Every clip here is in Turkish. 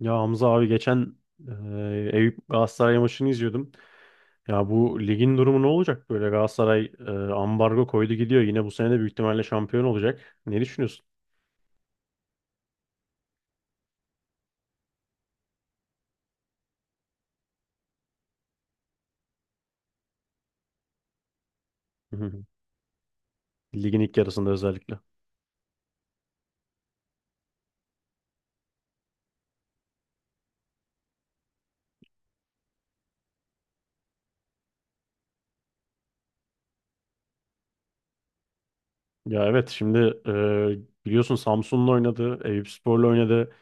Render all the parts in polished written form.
Ya Hamza abi geçen Eyüp Galatasaray maçını izliyordum. Ya bu ligin durumu ne olacak böyle? Galatasaray ambargo koydu gidiyor. Yine bu sene de büyük ihtimalle şampiyon olacak. Ne düşünüyorsun? Hı hı. Ligin ilk yarısında özellikle. Ya, evet, şimdi biliyorsun Samsun'la oynadı, Eyüpspor'la oynadı.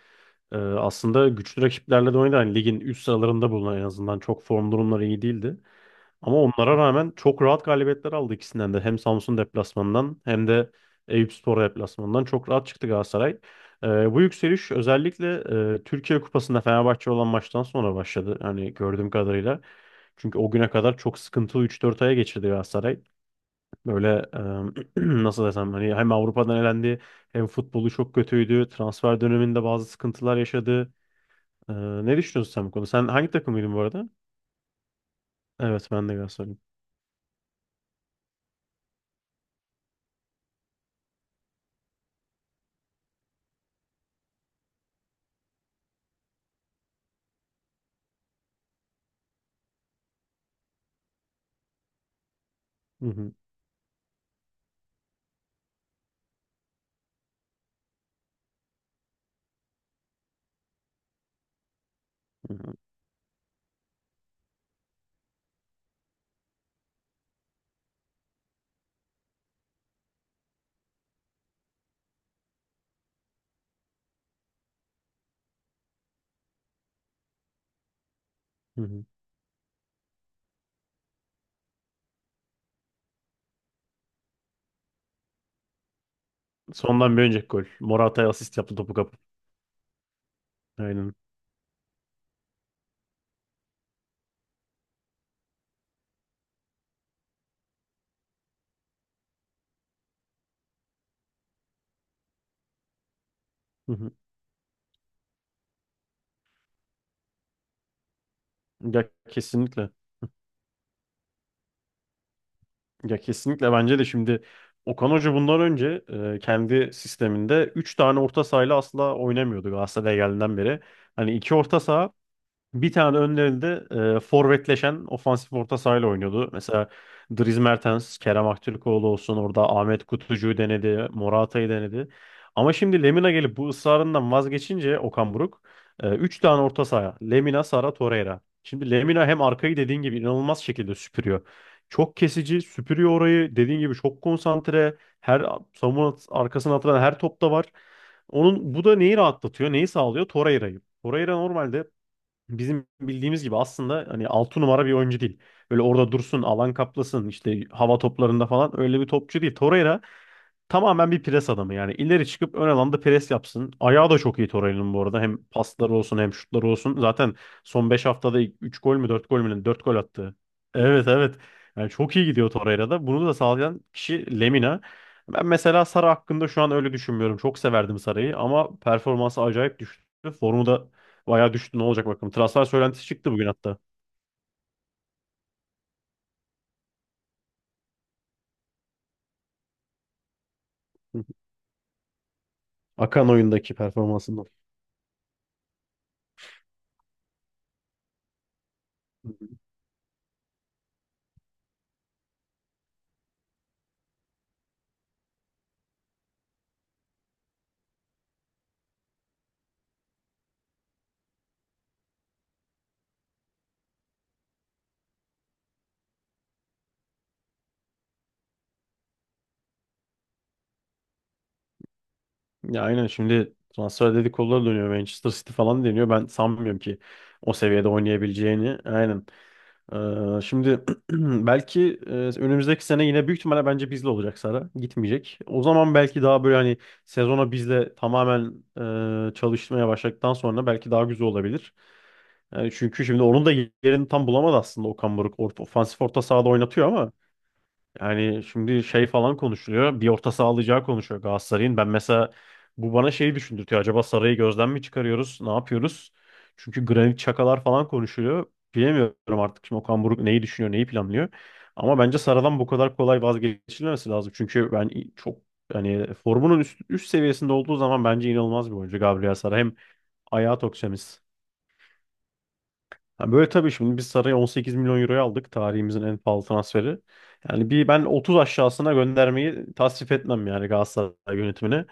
E, aslında güçlü rakiplerle de oynadı. Hani ligin üst sıralarında bulunan, en azından çok form durumları iyi değildi. Ama onlara rağmen çok rahat galibiyetler aldı ikisinden de. Hem Samsun deplasmanından hem de Eyüpspor deplasmanından çok rahat çıktı Galatasaray. Ee, bu yükseliş özellikle Türkiye Kupası'nda Fenerbahçe olan maçtan sonra başladı. Hani gördüğüm kadarıyla. Çünkü o güne kadar çok sıkıntılı üç dört aya geçirdi Galatasaray. Böyle e, nasıl desem, hani hem Avrupa'dan elendi hem futbolu çok kötüydü. Transfer döneminde bazı sıkıntılar yaşadı. Ee, ne düşünüyorsun sen bu konuda? Sen hangi takımıydın bu arada? Evet, ben de Galatasaraylıyım. Hı hı, hı hı, hı hı. Sondan bir önceki gol. Morata'ya asist yaptı topu kapıp. Aynen. Hı hı. Ya, kesinlikle. Ya, kesinlikle bence de şimdi Okan Hoca bundan önce kendi sisteminde 3 tane orta sahayla asla oynamıyordu Galatasaray'a geldiğinden beri. Hani iki orta saha, bir tane önlerinde forvetleşen ofansif orta sahayla oynuyordu. Mesela Dries Mertens, Kerem Aktürkoğlu olsun, orada Ahmet Kutucu'yu denedi, Morata'yı denedi. Ama şimdi Lemina gelip bu ısrarından vazgeçince Okan Buruk 3 tane orta saha. Lemina, Sara, Torreira. Şimdi Lemina hem arkayı dediğin gibi inanılmaz şekilde süpürüyor. Çok kesici, süpürüyor orayı. Dediğin gibi çok konsantre. Her savunma arkasına atılan her topta var. Onun bu da neyi rahatlatıyor, neyi sağlıyor? Torreira'yı. Torreira normalde bizim bildiğimiz gibi aslında hani 6 numara bir oyuncu değil. Böyle orada dursun, alan kaplasın, işte hava toplarında falan, öyle bir topçu değil Torreira. Tamamen bir pres adamı yani. İleri çıkıp ön alanda pres yapsın. Ayağı da çok iyi Torreira'nın bu arada. Hem pasları olsun hem şutları olsun. Zaten son 5 haftada 3 gol mü 4 gol mü, 4 gol attı. Evet, evet. Yani çok iyi gidiyor Torreira'da. Bunu da sağlayan kişi Lemina. Ben mesela Sara hakkında şu an öyle düşünmüyorum. Çok severdim Sara'yı ama performansı acayip düştü. Formu da bayağı düştü. Ne olacak bakalım. Transfer söylentisi çıktı bugün hatta. Akan oyundaki performansından. Ya aynen, şimdi transfer dedikoduları dönüyor. Manchester City falan deniyor. Ben sanmıyorum ki o seviyede oynayabileceğini. Aynen. Şimdi belki önümüzdeki sene yine büyük ihtimalle bence bizle olacak Sara. Gitmeyecek. O zaman belki daha böyle, hani sezona bizle tamamen çalışmaya başladıktan sonra belki daha güzel olabilir. Yani çünkü şimdi onun da yerini tam bulamadı aslında Okan Buruk. Ofansif orta sahada oynatıyor ama yani şimdi şey falan konuşuluyor. Bir orta saha alacağı konuşuyor Galatasaray'ın. Ben mesela bu bana şeyi düşündürtüyor. Acaba Saray'ı gözden mi çıkarıyoruz? Ne yapıyoruz? Çünkü Granit Çakalar falan konuşuluyor. Bilemiyorum artık şimdi Okan Buruk neyi düşünüyor, neyi planlıyor. Ama bence Saray'dan bu kadar kolay vazgeçilmemesi lazım. Çünkü ben çok, hani formunun üst seviyesinde olduğu zaman bence inanılmaz bir oyuncu Gabriel Saray. Hem ayağı tok, temiz. Ha, böyle tabii, şimdi biz Saray'ı 18 milyon euroya aldık. Tarihimizin en pahalı transferi. Yani bir ben 30 aşağısına göndermeyi tasvip etmem yani Galatasaray yönetimine.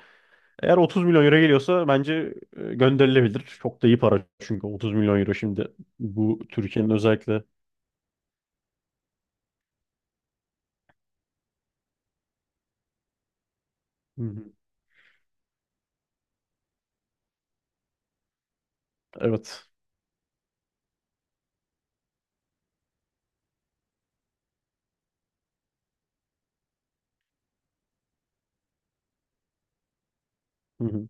Eğer 30 milyon euro geliyorsa bence gönderilebilir. Çok da iyi para çünkü 30 milyon euro, şimdi bu Türkiye'nin özellikle. Hı hı. Evet. Hı hı.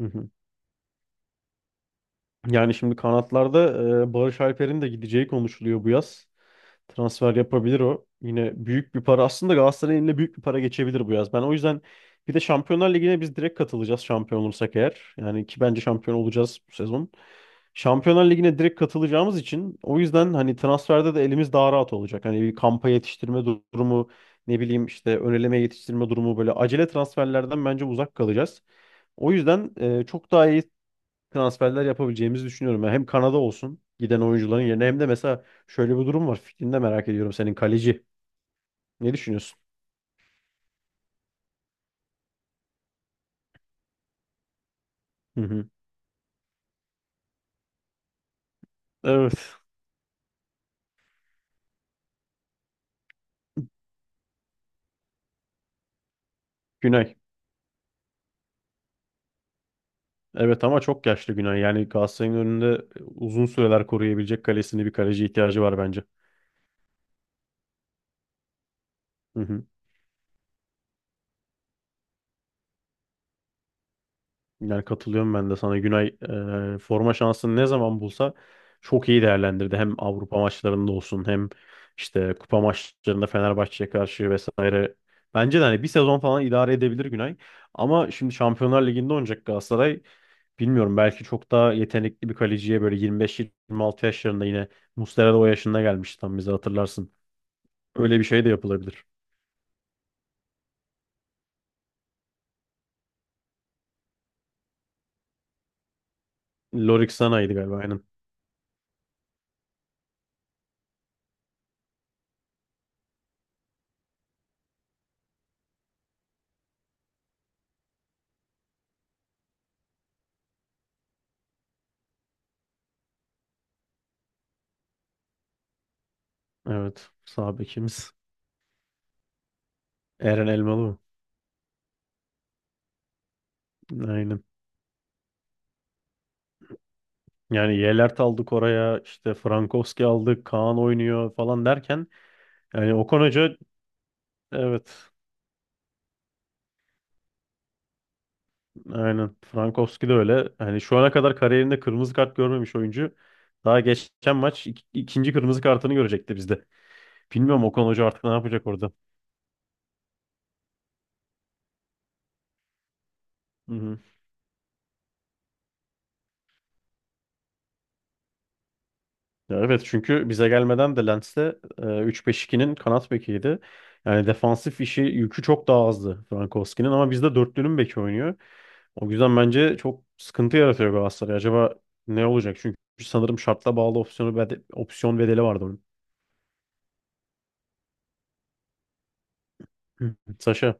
Hı hı. Yani şimdi kanatlarda Barış Alper'in de gideceği konuşuluyor bu yaz. Transfer yapabilir o. Yine büyük bir para. Aslında Galatasaray'ın eline büyük bir para geçebilir bu yaz. Ben o yüzden, bir de Şampiyonlar Ligi'ne biz direkt katılacağız şampiyon olursak eğer. Yani ki bence şampiyon olacağız bu sezon. Şampiyonlar Ligi'ne direkt katılacağımız için, o yüzden hani transferde de elimiz daha rahat olacak. Hani bir kampa yetiştirme durumu, ne bileyim işte ön eleme yetiştirme durumu, böyle acele transferlerden bence uzak kalacağız. O yüzden çok daha iyi transferler yapabileceğimizi düşünüyorum. Yani hem Kanada olsun giden oyuncuların yerine, hem de mesela şöyle bir durum var. Fikrini de merak ediyorum senin, kaleci. Ne düşünüyorsun? Hı hı. Evet. Günay. Evet, ama çok yaşlı Günay. Yani Galatasaray'ın önünde uzun süreler koruyabilecek kalesini, bir kaleci ihtiyacı var bence. Hı hı. Yani katılıyorum ben de sana. Günay forma şansını ne zaman bulsa çok iyi değerlendirdi. Hem Avrupa maçlarında olsun hem işte kupa maçlarında Fenerbahçe'ye karşı vesaire. Bence de hani bir sezon falan idare edebilir Günay. Ama şimdi Şampiyonlar Ligi'nde oynayacak Galatasaray. Bilmiyorum, belki çok daha yetenekli bir kaleciye, böyle 25-26 yaşlarında yine, Muslera da o yaşında gelmişti tam bize, hatırlarsın. Öyle bir şey de yapılabilir. Lorik Sana'ydı galiba, aynen. Evet, sağ bekimiz. Eren Elmalı mı? Aynen. Yani Yelert aldık oraya, işte Frankowski aldık, Kaan oynuyor falan derken, yani Okan Hoca, evet, aynen Frankowski de öyle. Yani şu ana kadar kariyerinde kırmızı kart görmemiş oyuncu. Daha geçen maç ikinci kırmızı kartını görecekti bizde. Bilmiyorum Okan Hoca artık ne yapacak orada. Hı hı. Ya evet, çünkü bize gelmeden de Lens'te 3-5-2'nin kanat bekiydi. Yani defansif işi, yükü çok daha azdı Frankowski'nin ama bizde dörtlünün beki oynuyor. O yüzden bence çok sıkıntı yaratıyor Galatasaray. Acaba ne olacak? Çünkü sanırım şartla bağlı opsiyon bedeli vardı onun. Hı. Saşa.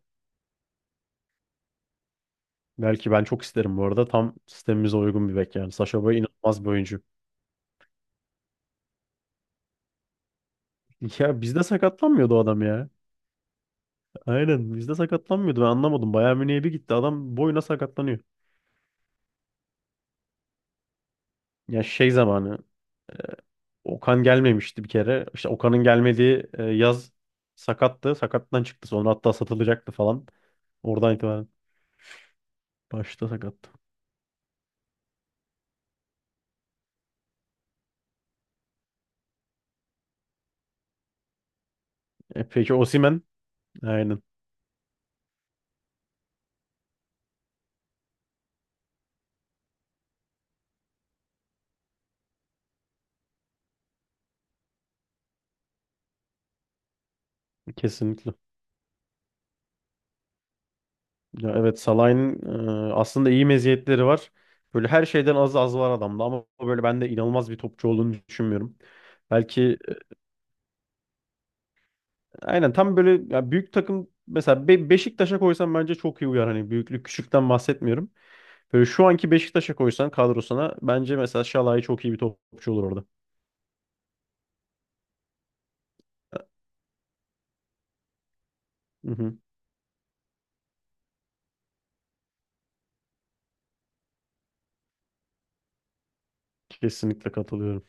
Belki, ben çok isterim bu arada. Tam sistemimize uygun bir bek yani. Saşa Boey inanılmaz bir oyuncu. Ya bizde sakatlanmıyordu o adam ya. Aynen, bizde sakatlanmıyordu. Ben anlamadım. Bayern Münih'e bir gitti, adam boyuna sakatlanıyor. Ya şey zamanı. Okan gelmemişti bir kere. İşte Okan'ın gelmediği yaz sakattı. Sakattan çıktı. Sonra hatta satılacaktı falan. Oradan itibaren, başta sakat. E, peki Osimhen? Aynen. Kesinlikle. Ya, evet Salah'ın aslında iyi meziyetleri var. Böyle her şeyden az az var adamda ama böyle ben de inanılmaz bir topçu olduğunu düşünmüyorum. Belki aynen, tam böyle ya büyük takım, mesela Beşiktaş'a koysan bence çok iyi uyar. Hani büyüklük küçükten bahsetmiyorum. Böyle şu anki Beşiktaş'a koysan kadrosuna, bence mesela Şalay çok iyi bir topçu olur orada. Hı hı, kesinlikle katılıyorum.